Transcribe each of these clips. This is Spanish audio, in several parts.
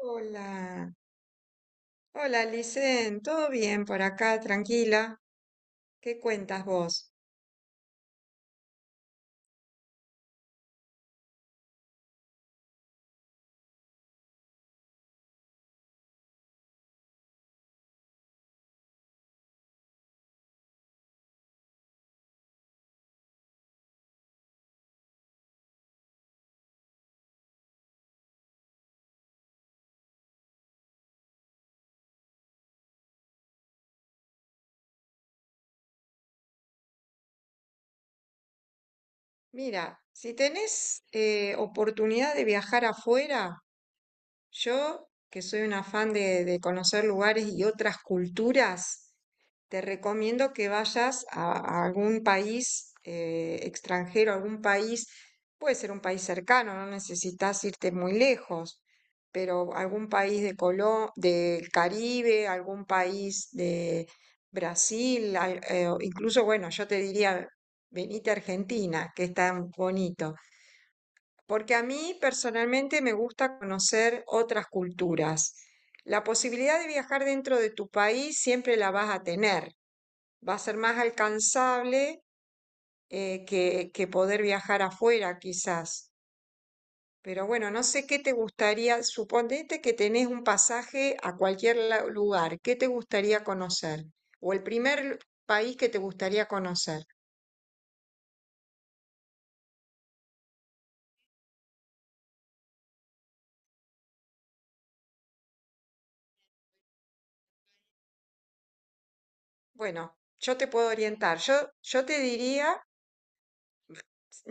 Hola, hola Licen, ¿todo bien por acá? Tranquila, ¿qué cuentas vos? Mira, si tenés oportunidad de viajar afuera. Yo, que soy una fan de conocer lugares y otras culturas, te recomiendo que vayas a algún país extranjero, algún país, puede ser un país cercano, no necesitas irte muy lejos, pero algún país de del Caribe, algún país de Brasil, o incluso, bueno, yo te diría, venite a Argentina, que es tan bonito. Porque a mí personalmente me gusta conocer otras culturas. La posibilidad de viajar dentro de tu país siempre la vas a tener. Va a ser más alcanzable que poder viajar afuera, quizás. Pero bueno, no sé qué te gustaría. Suponete que tenés un pasaje a cualquier lugar. ¿Qué te gustaría conocer? O el primer país que te gustaría conocer. Bueno, yo te puedo orientar. Yo te diría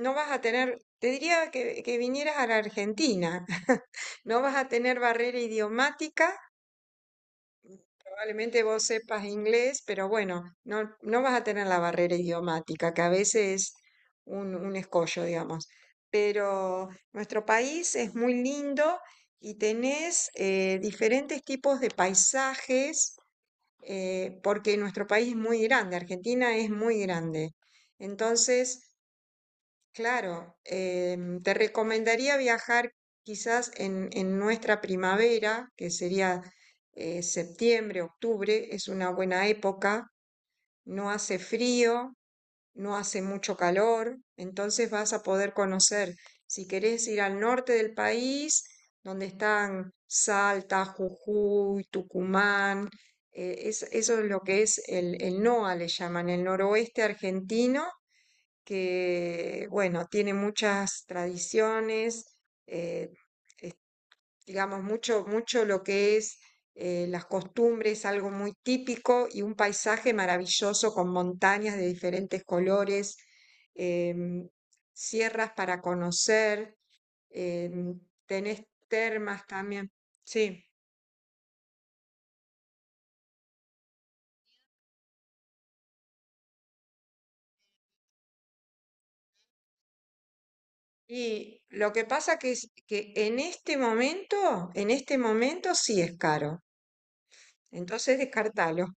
no vas a tener, te diría que vinieras a la Argentina. No vas a tener barrera idiomática. Probablemente vos sepas inglés, pero bueno, no vas a tener la barrera idiomática, que a veces es un escollo, digamos. Pero nuestro país es muy lindo y tenés diferentes tipos de paisajes, porque nuestro país es muy grande, Argentina es muy grande. Entonces, claro, te recomendaría viajar quizás en nuestra primavera, que sería septiembre, octubre, es una buena época, no hace frío, no hace mucho calor, entonces vas a poder conocer, si querés ir al norte del país, donde están Salta, Jujuy, Tucumán, eso es lo que es el NOA, le llaman, el noroeste argentino que, bueno, tiene muchas tradiciones, eh, digamos, mucho lo que es las costumbres, algo muy típico y un paisaje maravilloso con montañas de diferentes colores, em, sierras para conocer, em, tenés termas también. Sí, y lo que pasa que es que en este momento sí es caro. Entonces descartalo.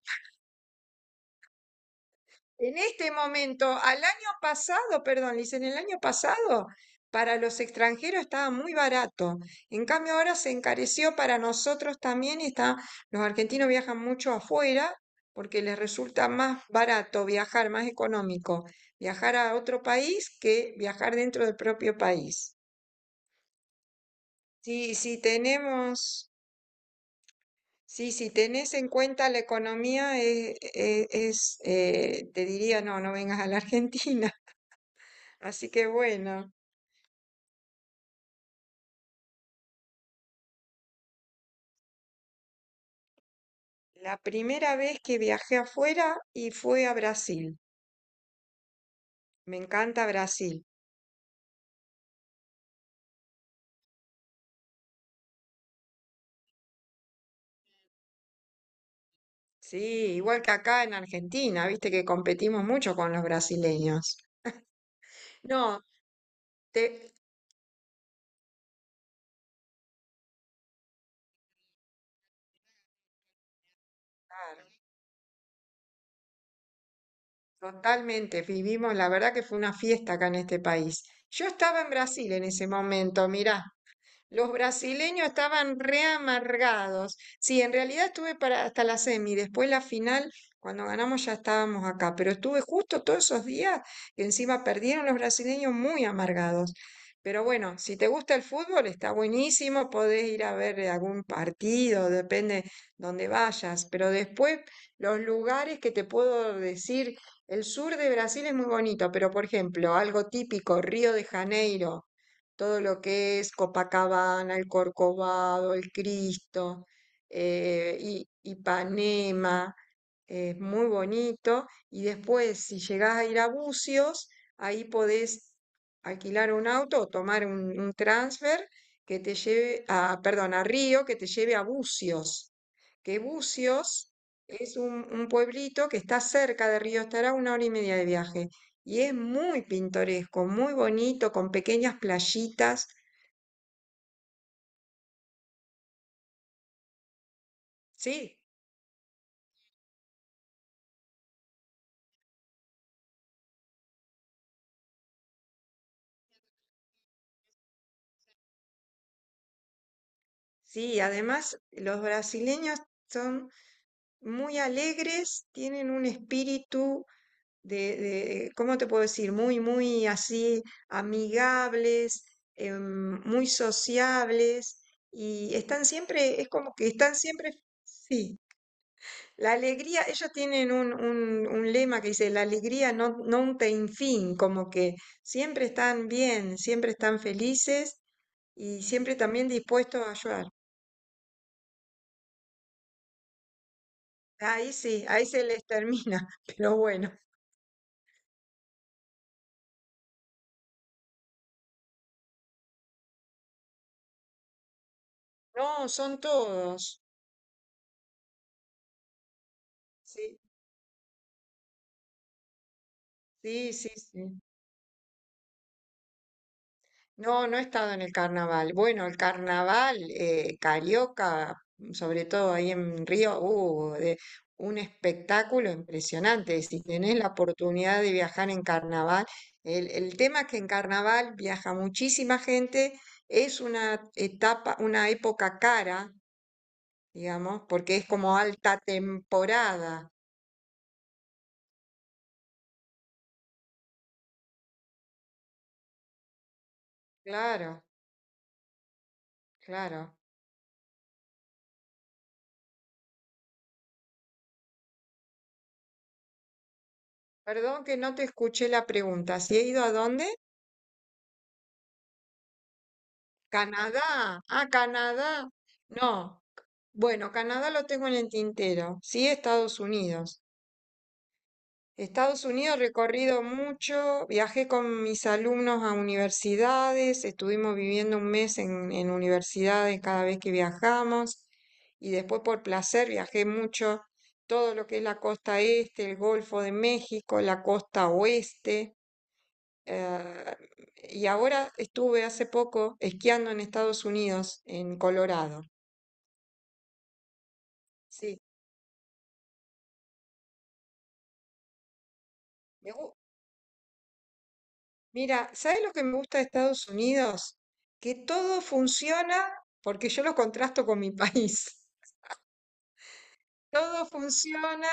En este momento, al año pasado, perdón, Liz, en el año pasado, para los extranjeros estaba muy barato. En cambio, ahora se encareció para nosotros también. Y está, los argentinos viajan mucho afuera porque les resulta más barato viajar, más económico, viajar a otro país que viajar dentro del propio país. Sí, sí, si tenés en cuenta la economía, te diría, no, no vengas a la Argentina. Así que bueno, la primera vez que viajé afuera y fue a Brasil. Me encanta Brasil. Sí, igual que acá en Argentina, viste que competimos mucho con los brasileños. No, te... claro, totalmente, vivimos, la verdad que fue una fiesta acá en este país. Yo estaba en Brasil en ese momento, mirá. Los brasileños estaban re amargados. Sí, en realidad estuve para hasta la semi, después la final, cuando ganamos ya estábamos acá, pero estuve justo todos esos días y encima perdieron los brasileños muy amargados. Pero bueno, si te gusta el fútbol, está buenísimo, podés ir a ver algún partido, depende donde vayas, pero después los lugares que te puedo decir, el sur de Brasil es muy bonito, pero por ejemplo, algo típico, Río de Janeiro, todo lo que es Copacabana, el Corcovado, el Cristo, Ipanema, es muy bonito. Y después, si llegás a ir a Bucios, ahí podés alquilar un auto o tomar un transfer que te lleve a, perdón, a Río, que te lleve a Bucios. Que Bucios es un pueblito que está cerca de Río, estará a una hora y media de viaje. Y es muy pintoresco, muy bonito, con pequeñas playitas. Sí, sí, además los brasileños son muy alegres, tienen un espíritu ¿cómo te puedo decir? Muy, muy así amigables, muy sociables y están siempre, es como que están siempre, sí, la alegría, ellos tienen un lema que dice, la alegría no ten fin, como que siempre están bien, siempre están felices y siempre también dispuestos a ayudar. Ahí sí, ahí se les termina, pero bueno, no, son todos. Sí, sí, sí, sí. No, no he estado en el carnaval. Bueno, el carnaval carioca, sobre todo ahí en Río, hubo un espectáculo impresionante. Si tenés la oportunidad de viajar en carnaval, el tema es que en carnaval viaja muchísima gente, es una etapa, una época cara, digamos, porque es como alta temporada. Claro, claro. Perdón que no te escuché la pregunta. ¿Si he ido a dónde? Canadá. Ah, Canadá. No. Bueno, Canadá lo tengo en el tintero. Sí, Estados Unidos. Estados Unidos recorrido mucho, viajé con mis alumnos a universidades, estuvimos viviendo un mes en universidades cada vez que viajamos y después por placer viajé mucho todo lo que es la costa este, el Golfo de México, la costa oeste. Eh, y ahora estuve hace poco esquiando en Estados Unidos, en Colorado. Sí, me gu- mira, ¿sabes lo que me gusta de Estados Unidos? Que todo funciona, porque yo lo contrasto con mi país. Todo funciona,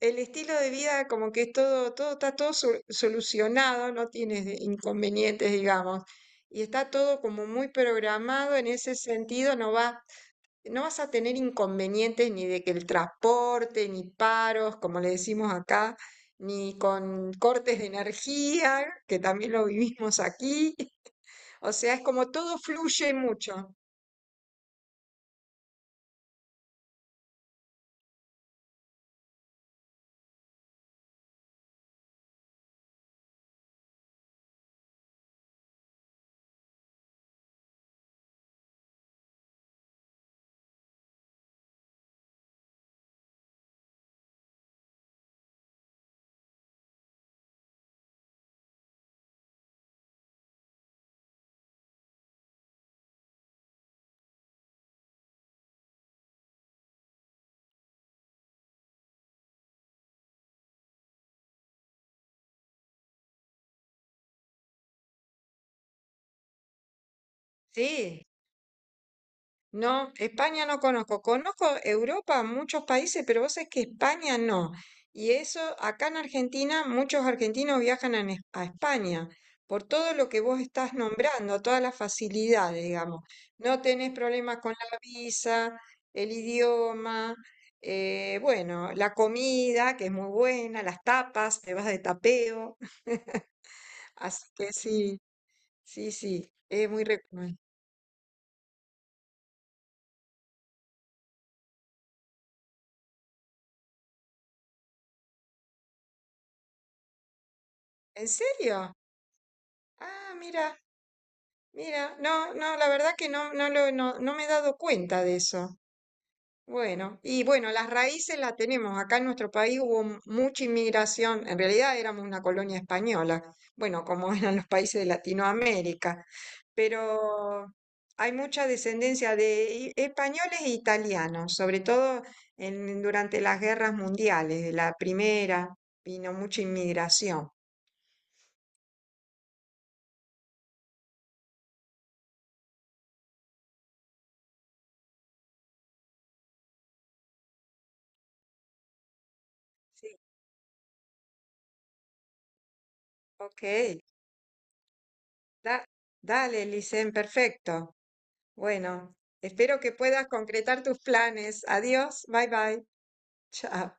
el estilo de vida como que es todo, todo está solucionado, no tienes inconvenientes, digamos. Y está todo como muy programado en ese sentido, no vas a tener inconvenientes ni de que el transporte, ni paros, como le decimos acá, ni con cortes de energía, que también lo vivimos aquí. O sea, es como todo fluye mucho. Sí, no, España no conozco. Conozco Europa, muchos países, pero vos sabés que España no. Y eso, acá en Argentina, muchos argentinos viajan a España por todo lo que vos estás nombrando, todas las facilidades, digamos. No tenés problemas con la visa, el idioma, bueno, la comida, que es muy buena, las tapas, te vas de tapeo. Así que sí, sí, sí, es muy recomendable. ¿En serio? Ah, mira. Mira, no, no, la verdad que no, no me he dado cuenta de eso. Bueno, y bueno, las raíces las tenemos. Acá en nuestro país hubo mucha inmigración. En realidad éramos una colonia española, bueno, como eran los países de Latinoamérica. Pero hay mucha descendencia de españoles e italianos, sobre todo en, durante las guerras mundiales. De la primera vino mucha inmigración. Sí. Ok, da- dale, Licen, perfecto. Bueno, espero que puedas concretar tus planes. Adiós, bye bye. Chao.